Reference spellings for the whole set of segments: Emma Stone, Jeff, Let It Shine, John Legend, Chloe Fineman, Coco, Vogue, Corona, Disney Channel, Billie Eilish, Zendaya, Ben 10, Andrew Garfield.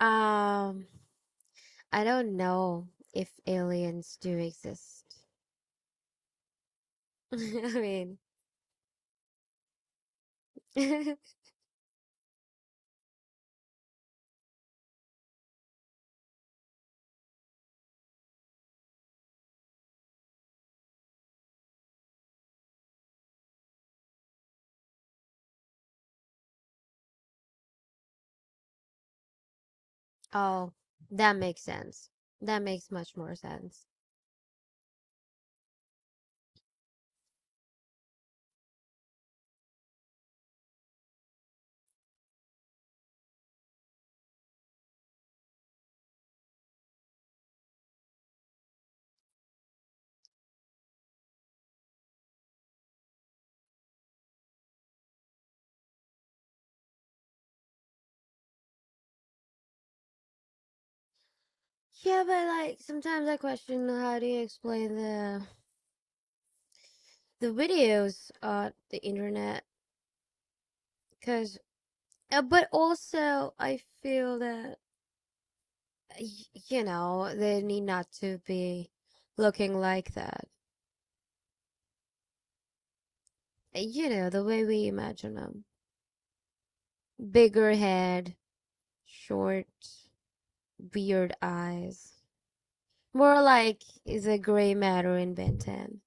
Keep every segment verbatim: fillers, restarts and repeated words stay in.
Um, I don't know if aliens do exist. I mean, oh, that makes sense. That makes much more sense. Yeah, but like sometimes I question how do you explain the the videos on the internet? Cause, uh, but also I feel that y- you know they need not to be looking like that. You know the way we imagine them: bigger head, short, weird eyes. More like is a gray matter in Ben ten.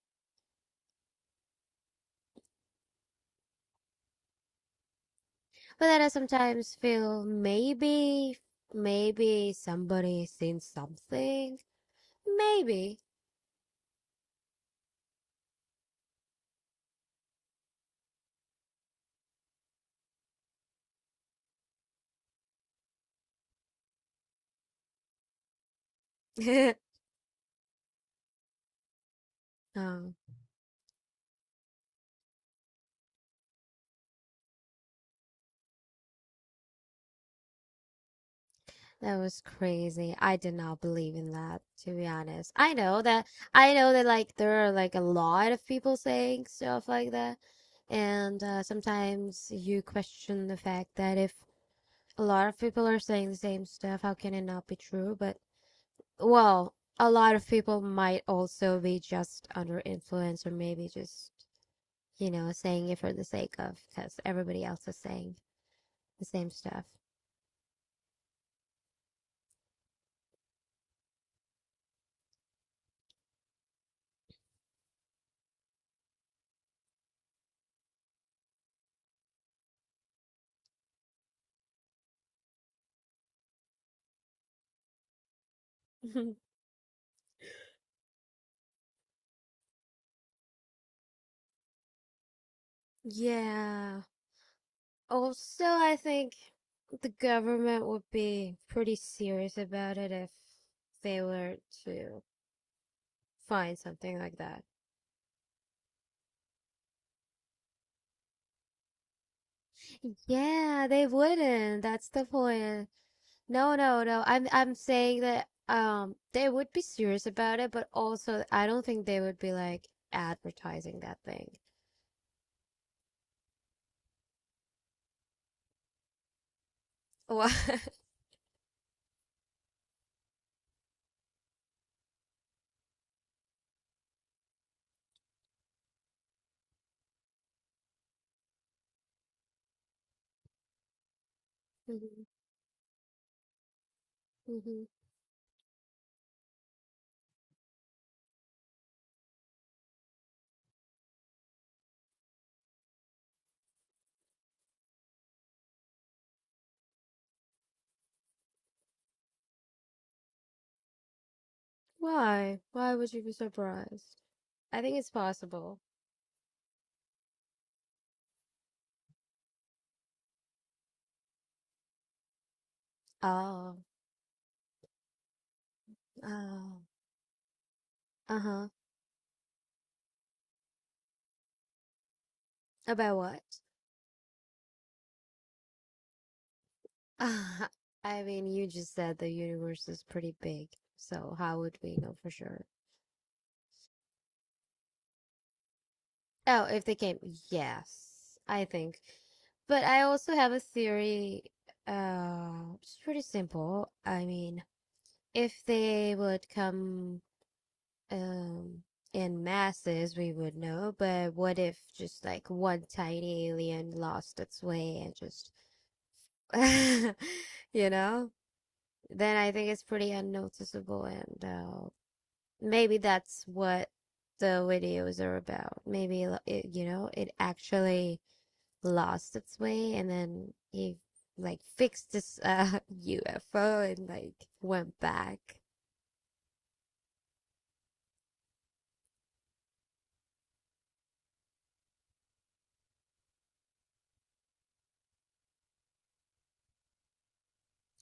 But then I sometimes feel maybe, maybe somebody seen something. Maybe. Oh, that was crazy. I did not believe in that, to be honest. I know that, I know that like there are like a lot of people saying stuff like that. And uh, sometimes you question the fact that if a lot of people are saying the same stuff, how can it not be true? But well, a lot of people might also be just under influence or maybe just, you know, saying it for the sake of because everybody else is saying the same stuff. Yeah. Also, I think the government would be pretty serious about it if they were to find something like that. Yeah, they wouldn't. That's the point. No, no, no. I'm I'm saying that um they would be serious about it, but also I don't think they would be like advertising that thing. Why? Mhm, mhm. Why? Why would you be surprised? I think it's possible. Oh, oh, uh-huh. About what? I mean, you just said the universe is pretty big, so how would we know for sure? Oh, if they came, yes, I think. But I also have a theory. Uh, it's pretty simple. I mean, if they would come um in masses, we would know. But what if just like one tiny alien lost its way and just, you know? Then I think it's pretty unnoticeable, and uh, maybe that's what the videos are about. Maybe like, it, you know, it actually lost its way and then he like fixed this uh U F O and like went back.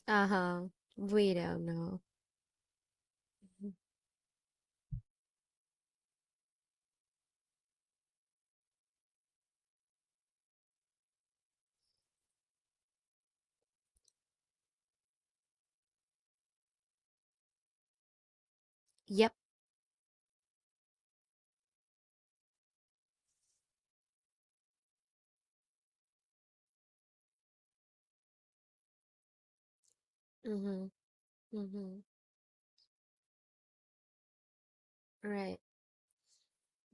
Uh-huh. We don't know. Yep. Mm-hmm. Mm-hmm. Right.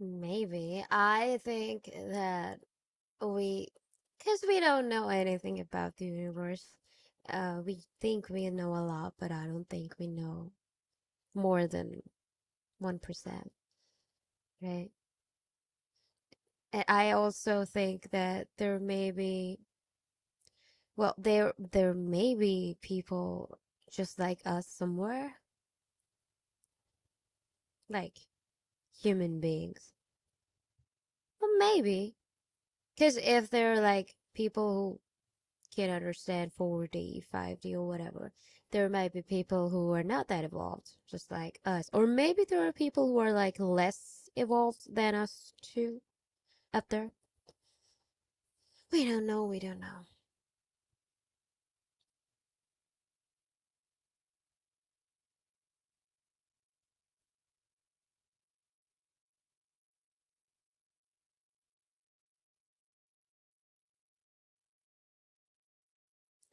Maybe. I think that we, because we don't know anything about the universe, uh, we think we know a lot, but I don't think we know more than one percent, right? And I also think that there may be, well, there there may be people just like us somewhere, like human beings. But maybe, because if they're like people who can't understand four D, five D, or whatever, there might be people who are not that evolved, just like us. Or maybe there are people who are like less evolved than us too out there. We don't know. We don't know.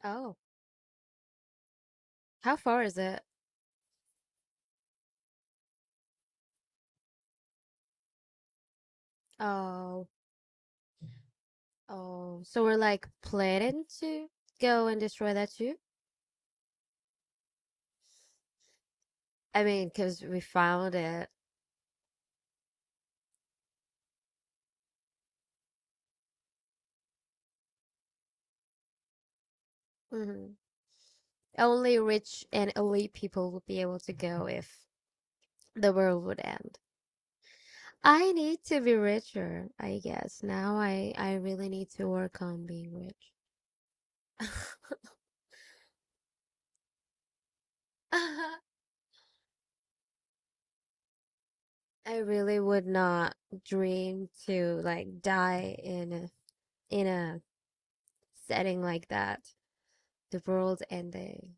Oh, how far is it? Oh, oh. So we're like planning to go and destroy that too. I mean, because we found it. Hmm. Only rich and elite people would be able to go if the world would end. I need to be richer, I guess. Now I, I really need to work on being rich. I really would not dream to like die in a, in a setting like that. The world ending.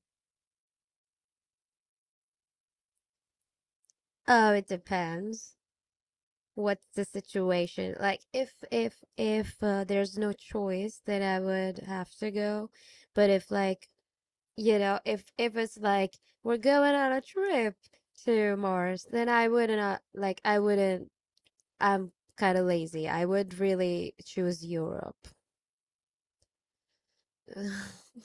Oh, it depends. What's the situation like? If if if uh, there's no choice, then I would have to go. But if like, you know, if if it's like we're going on a trip to Mars, then I wouldn't, uh, like I wouldn't, I'm kind of lazy, I would really choose Europe.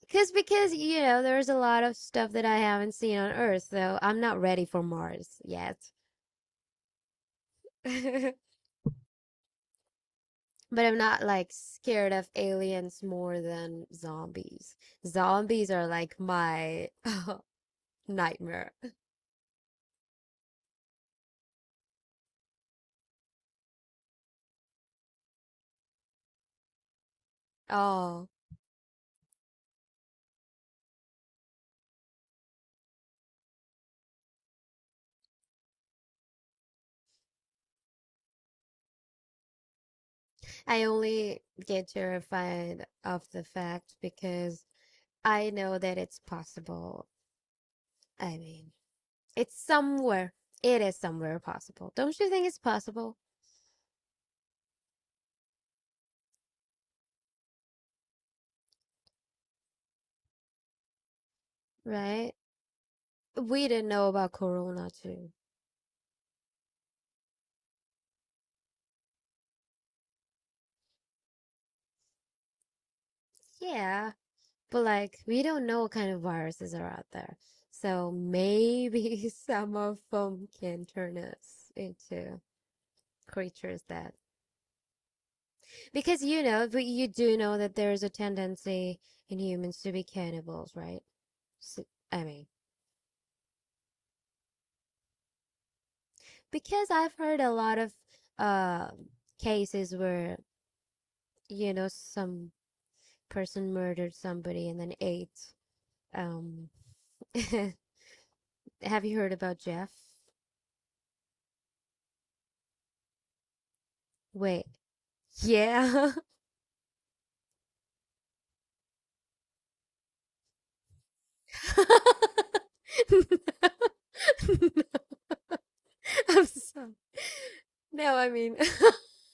because because you know there's a lot of stuff that I haven't seen on Earth, so I'm not ready for Mars yet. But I'm not like scared of aliens more than zombies. Zombies are like my nightmare. Oh, I only get terrified of the fact because I know that it's possible. I mean, it's somewhere. It is somewhere possible. Don't you think it's possible? Right? We didn't know about Corona too. Yeah. But like, we don't know what kind of viruses are out there. So maybe some of them can turn us into creatures that, because you know, but you do know that there is a tendency in humans to be cannibals, right? So, I mean, because I've heard a lot of uh, cases where, you know, some person murdered somebody and then ate. Um, have you heard about Jeff? Wait, yeah. No. No, I'm sorry. No, I mean,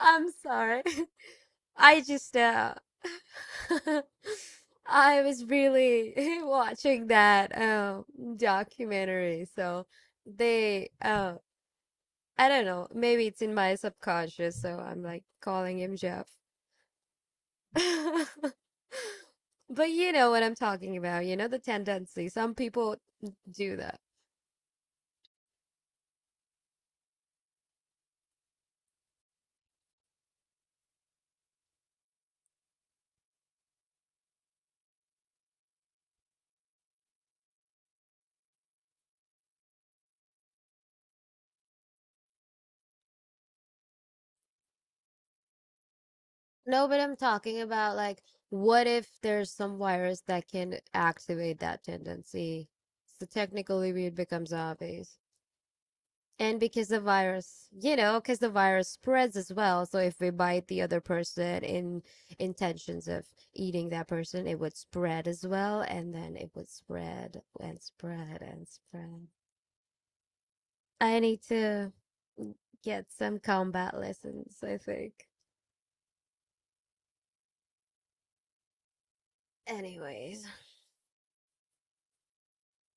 I'm sorry. I just, uh, I was really watching that um documentary, so they, uh, I don't know, maybe it's in my subconscious, so I'm like calling him Jeff. But you know what I'm talking about, you know, the tendency. Some people do that. No, but I'm talking about like, what if there's some virus that can activate that tendency? So technically, we'd become zombies. And because the virus, you know, because the virus spreads as well. So if we bite the other person in intentions of eating that person, it would spread as well. And then it would spread and spread and spread. I need to get some combat lessons, I think. Anyways.